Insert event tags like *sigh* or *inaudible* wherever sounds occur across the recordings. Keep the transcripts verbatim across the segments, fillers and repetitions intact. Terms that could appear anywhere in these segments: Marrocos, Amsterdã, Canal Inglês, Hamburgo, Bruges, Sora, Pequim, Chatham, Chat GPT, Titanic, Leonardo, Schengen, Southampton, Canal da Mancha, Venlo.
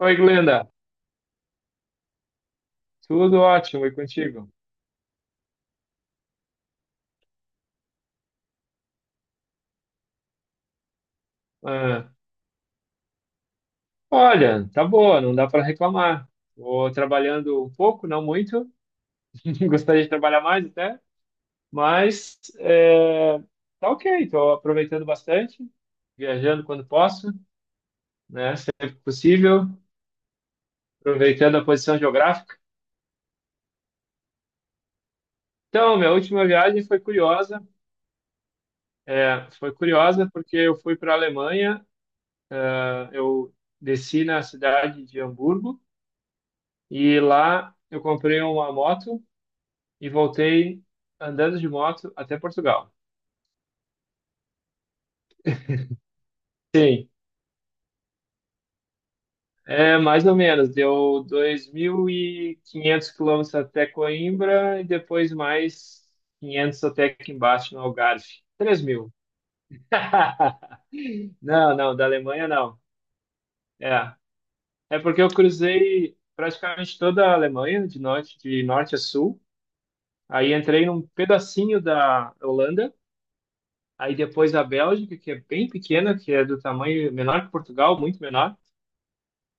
Oi, Glenda. Tudo ótimo e contigo? Ah, olha, tá boa, não dá para reclamar. Vou trabalhando um pouco, não muito. *laughs* Gostaria de trabalhar mais até, mas é, tá ok. Estou aproveitando bastante, viajando quando posso, né? Sempre que possível, aproveitando a posição geográfica. Então, minha última viagem foi curiosa. É, foi curiosa porque eu fui para a Alemanha. Ah, eu desci na cidade de Hamburgo. E lá eu comprei uma moto e voltei andando de moto até Portugal. Sim, é mais ou menos. Deu dois mil e quinhentos quilômetros até Coimbra e depois mais quinhentos até aqui embaixo no Algarve. Três mil. *laughs* Não, não, da Alemanha não. É, é porque eu cruzei praticamente toda a Alemanha, de norte, de norte a sul. Aí entrei num pedacinho da Holanda. Aí depois a Bélgica, que é bem pequena, que é do tamanho menor que Portugal, muito menor.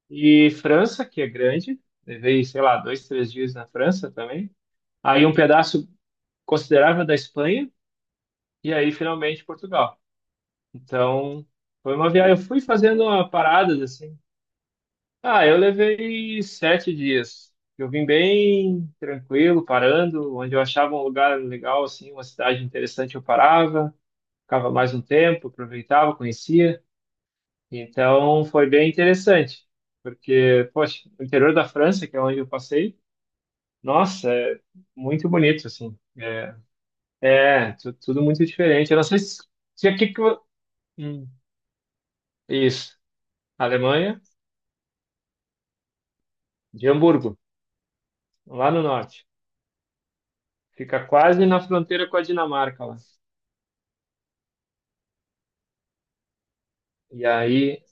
E França, que é grande. Levei, sei lá, dois, três dias na França também. Aí um pedaço considerável da Espanha. E aí, finalmente, Portugal. Então, foi uma viagem. Eu fui fazendo uma parada, assim. Ah, eu levei sete dias. Eu vim bem tranquilo, parando. Onde eu achava um lugar legal, assim, uma cidade interessante, eu parava. Ficava mais um tempo, aproveitava, conhecia. Então foi bem interessante, porque, poxa, o interior da França, que é onde eu passei, nossa, é muito bonito, assim. É, é tu- tudo muito diferente. Eu não sei se, se aqui que. eu- Hum. Isso, Alemanha, de Hamburgo, lá no norte. Fica quase na fronteira com a Dinamarca lá. E aí,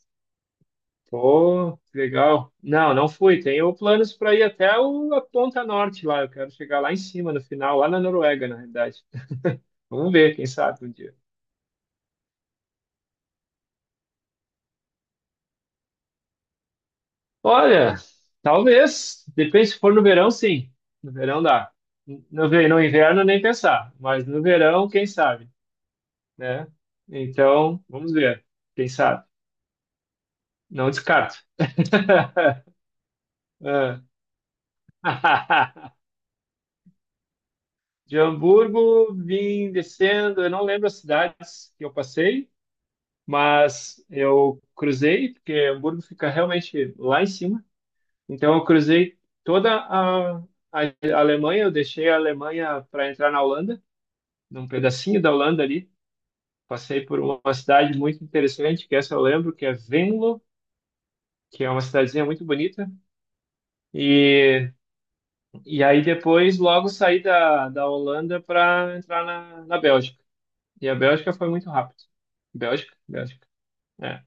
pô, que legal. Não, não fui. Tenho planos para ir até o- a ponta norte lá. Eu quero chegar lá em cima, no final, lá na Noruega, na realidade. Vamos ver, quem sabe um dia. Olha, talvez. Depende se for no verão, sim. No verão dá. No, ve- no inverno nem pensar, mas no verão, quem sabe, né? Então, vamos ver. Quem sabe? Não descarto. *laughs* Ah. *laughs* De Hamburgo, vim descendo. Eu não lembro as cidades que eu passei, mas eu cruzei, porque Hamburgo fica realmente lá em cima. Então, eu cruzei toda a, a Alemanha, eu deixei a Alemanha para entrar na Holanda, num pedacinho da Holanda ali. Passei por uma cidade muito interessante, que essa eu lembro, que é Venlo, que é uma cidadezinha muito bonita. E, e aí depois, logo saí da, da Holanda para entrar na, na Bélgica. E a Bélgica foi muito rápido. Bélgica, Bélgica. É,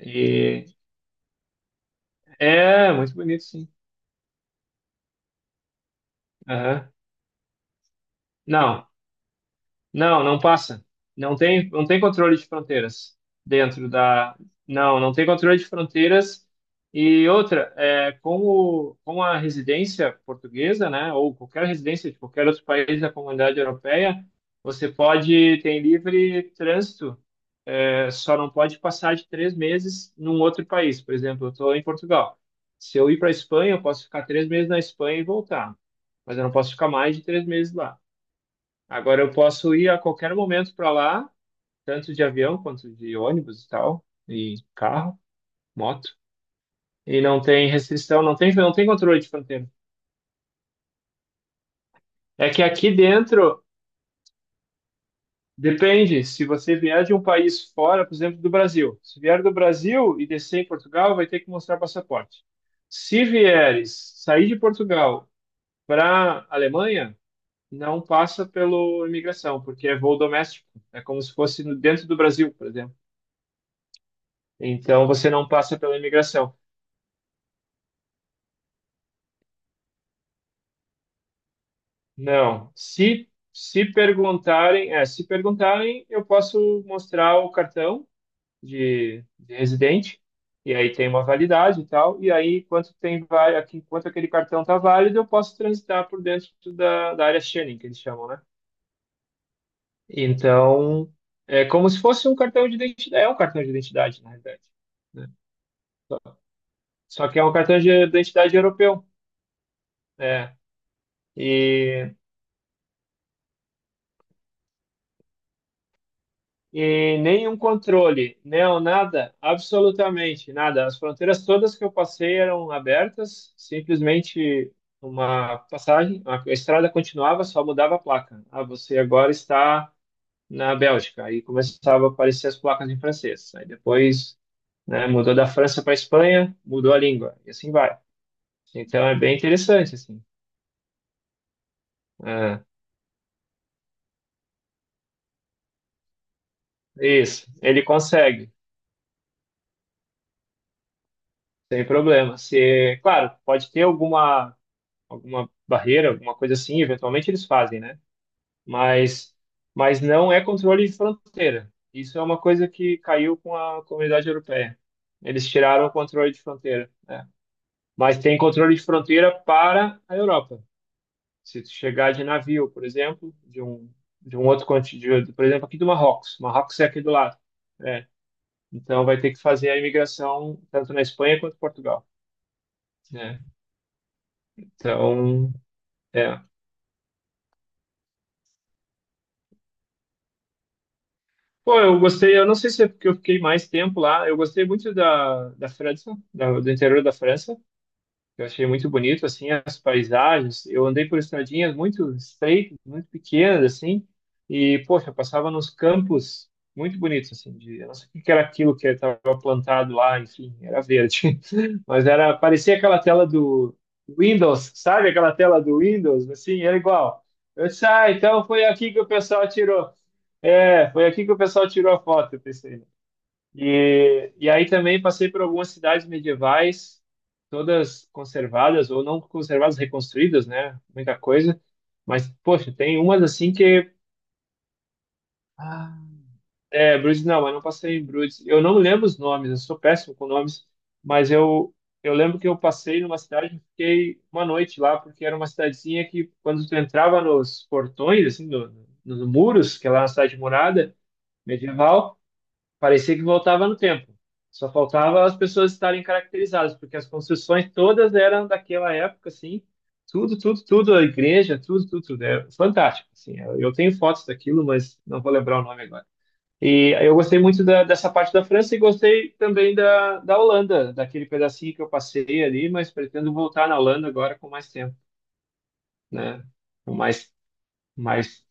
e, é muito bonito, sim. Aham. Não, não, não passa. Não tem, não tem controle de fronteiras dentro da. Não, não tem controle de fronteiras. E outra, é, como, como a residência portuguesa, né, ou qualquer residência de qualquer outro país da comunidade europeia, você pode ter livre trânsito, é, só não pode passar de três meses num outro país. Por exemplo, eu estou em Portugal. Se eu ir para a Espanha, eu posso ficar três meses na Espanha e voltar, mas eu não posso ficar mais de três meses lá. Agora eu posso ir a qualquer momento para lá tanto de avião quanto de ônibus e tal, e carro, moto. E não tem restrição, não tem, não tem controle de fronteira. É que aqui dentro, depende, se você vier de um país fora, por exemplo, do Brasil. Se vier do Brasil e descer em Portugal, vai ter que mostrar passaporte. Se vieres sair de Portugal para Alemanha, não passa pelo imigração, porque é voo doméstico. É como se fosse no- dentro do Brasil, por exemplo. Então você não passa pela imigração. Não. Se, se perguntarem, é, se perguntarem, eu posso mostrar o cartão de, de residente, e aí tem uma validade e tal, e aí, enquanto tem, va- aqui- enquanto aquele cartão está válido, eu posso transitar por dentro da, da área Schengen, que eles chamam, né? Então, é como se fosse um cartão de identidade, é um cartão de identidade, na realidade, né? Só que é um cartão de identidade europeu, né? E nenhum controle, não, nada, absolutamente nada. As fronteiras todas que eu passei eram abertas, simplesmente uma passagem, a a estrada continuava, só mudava a placa. Ah, você agora está na Bélgica. Aí começava a aparecer as placas em francês. Aí depois, né, mudou da França para a Espanha, mudou a língua, e assim vai. Então é bem interessante, assim. É, isso, ele consegue, sem problema. Se, claro, pode ter alguma alguma barreira, alguma coisa assim, eventualmente eles fazem, né? Mas, mas não é controle de fronteira. Isso é uma coisa que caiu com a comunidade europeia. Eles tiraram o controle de fronteira, né? Mas tem controle de fronteira para a Europa. Se tu chegar de navio, por exemplo, de um, de um outro continente, por exemplo, aqui do Marrocos. Marrocos é aqui do lado, né? Então vai ter que fazer a imigração tanto na Espanha quanto em Portugal, né? Então, é. Pô, eu gostei, eu não sei se é porque eu fiquei mais tempo lá, eu gostei muito da, da França, da- do interior da França, eu achei muito bonito, assim, as paisagens, eu andei por estradinhas muito estreitas, muito pequenas, assim, e, poxa, eu passava nos campos muito bonitos, assim, de, eu não sei o que que era aquilo que estava plantado lá, enfim, era verde, *laughs* mas era, parecia aquela tela do Windows, sabe aquela tela do Windows, assim, era igual. Eu disse, ah, então foi aqui que o pessoal tirou. É, foi aqui que o pessoal tirou a foto, eu pensei. E, e aí também passei por algumas cidades medievais, todas conservadas, ou não conservadas, reconstruídas, né? Muita coisa. Mas, poxa, tem umas assim que. Ah, é, Bruges não, mas não passei em Bruges. Eu não lembro os nomes, eu sou péssimo com nomes, mas eu, eu lembro que eu passei numa cidade e fiquei uma noite lá, porque era uma cidadezinha que, quando tu entrava nos portões, assim, no, nos muros, que é lá na cidade murada, medieval. Parecia que voltava no tempo. Só faltava as pessoas estarem caracterizadas, porque as construções todas eram daquela época, assim, tudo, tudo, tudo, a igreja, tudo, tudo, tudo. É fantástico, assim. Eu eu tenho fotos daquilo, mas não vou lembrar o nome agora. E eu gostei muito da- dessa parte da França e gostei também da, da Holanda, daquele pedacinho que eu passei ali, mas pretendo voltar na Holanda agora com mais tempo, né? Com mais, mais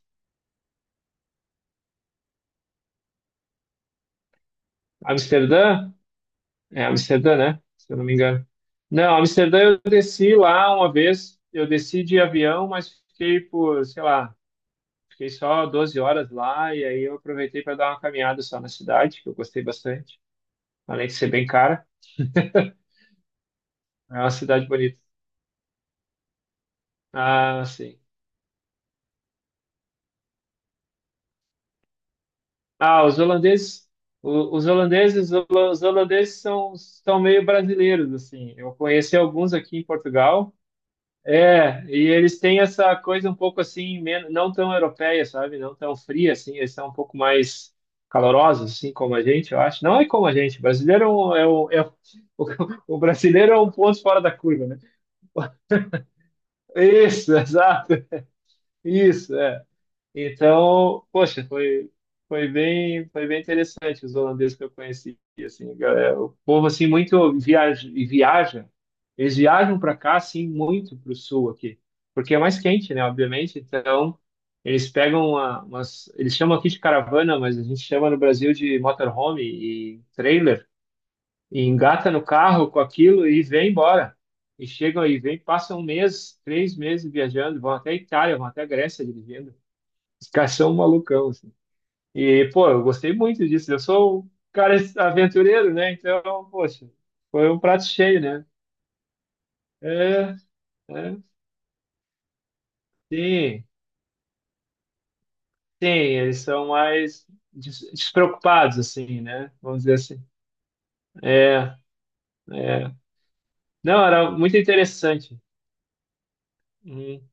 Amsterdã. É Amsterdã, né? Se eu não me engano. Não, Amsterdã eu desci lá uma vez, eu desci de avião, mas fiquei por, sei lá, fiquei só doze horas lá e aí eu aproveitei para dar uma caminhada só na cidade, que eu gostei bastante, além de ser bem cara, é uma cidade bonita. Ah, sim. Ah, os holandeses, o- os holandeses, os holandeses são, são, meio brasileiros, assim. Eu conheci alguns aqui em Portugal. É, e eles têm essa coisa um pouco assim, men- não tão europeia, sabe? Não tão fria, assim, eles são um pouco mais calorosos, assim, como a gente, eu acho. Não é como a gente, brasileiro é o é um- é um- *laughs* o brasileiro é um ponto fora da curva, né? Isso, *laughs* exato, isso, é. Então, poxa, foi, foi bem, foi bem interessante os holandeses que eu conheci, assim, galera, o povo assim muito viaja, e viaja, eles viajam para cá assim muito para o sul aqui, porque é mais quente, né, obviamente, então eles pegam uma, umas, eles chamam aqui de caravana, mas a gente chama no Brasil de motorhome e trailer, e engata no carro com aquilo e vem embora. E chegam aí, vem, passam um mês, três meses viajando, vão até a Itália, vão até a Grécia dirigindo. Os caras são malucão, assim. E, pô, eu gostei muito disso. Eu sou um cara aventureiro, né? Então, poxa, foi um prato cheio, né? É, é, sim, sim, eles são mais des- despreocupados, assim, né? Vamos dizer assim. É, é. Não, era muito interessante. Hum.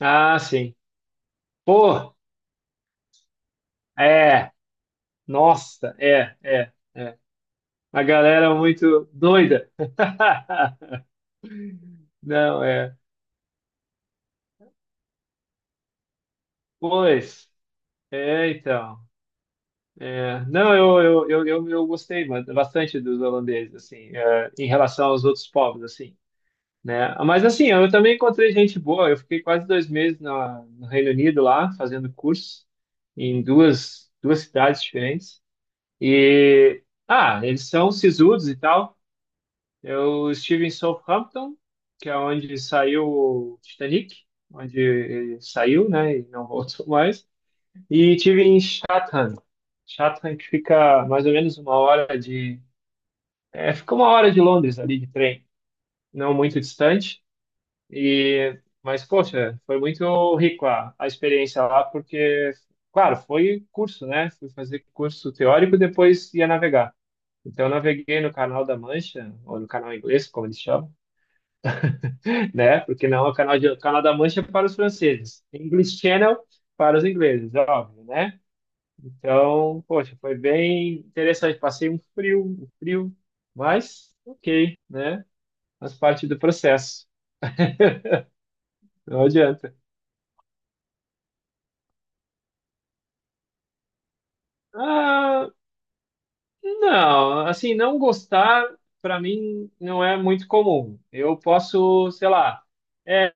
Ah, sim. Pô, é, nossa, é, é, é. A galera muito doida. *laughs* Não, é. Pois, é, então. É, não, eu, eu, eu, eu, eu gostei ba- bastante dos holandeses, assim, é, em relação aos outros povos, assim, né? Mas, assim, eu também encontrei gente boa. Eu fiquei quase dois meses na, no Reino Unido lá, fazendo curso em duas, duas cidades diferentes. E, ah, eles são sisudos e tal. Eu estive em Southampton, que é onde saiu o Titanic, onde ele saiu, né, e não *laughs* voltou mais. E tive em Chatham. Chatham que fica mais ou menos uma hora de, é, fica uma hora de Londres ali de trem, não muito distante. E mas poxa, foi muito rico a, a experiência lá porque, claro, foi curso, né? Fui fazer curso teórico, depois ia navegar. Então eu naveguei no Canal da Mancha ou no Canal Inglês, como eles chamam, *laughs* né? Porque não, é o Canal de, o Canal da Mancha é para os franceses, English Channel para os ingleses, é óbvio, né? Então, poxa, foi bem interessante. Passei um frio, um frio, mas ok, né? Faz parte do processo. Não adianta. Ah, não, assim, não gostar, para mim, não é muito comum. Eu posso, sei lá. É,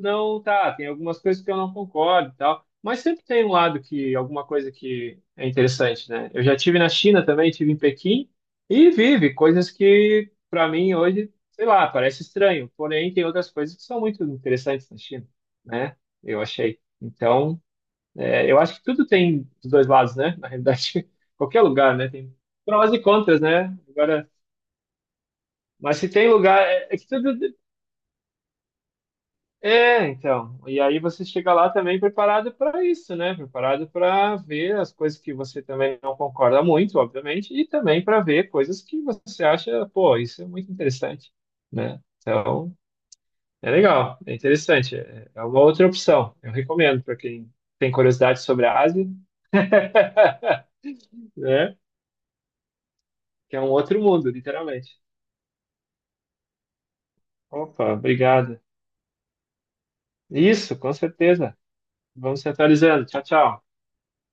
não, tá, tem algumas coisas que eu não concordo e tal, mas sempre tem um lado que, alguma coisa que é interessante, né? Eu já tive na China também, tive em Pequim, e vive coisas que, para mim, hoje, sei lá, parece estranho, porém tem outras coisas que são muito interessantes na China, né? Eu achei. Então, é, eu acho que tudo tem dos dois lados, né? Na realidade, *laughs* qualquer lugar, né? Tem prós e contras, né? Agora, mas se tem lugar, é é que tudo. É, então. E aí você chega lá também preparado para isso, né? Preparado para ver as coisas que você também não concorda muito, obviamente, e também para ver coisas que você acha, pô, isso é muito interessante, né? Então, é legal, é interessante, é é uma outra opção. Eu recomendo para quem tem curiosidade sobre a Ásia, *laughs* né? Que é um outro mundo, literalmente. Opa, obrigado. Isso, com certeza. Vamos se atualizando. Tchau, tchau.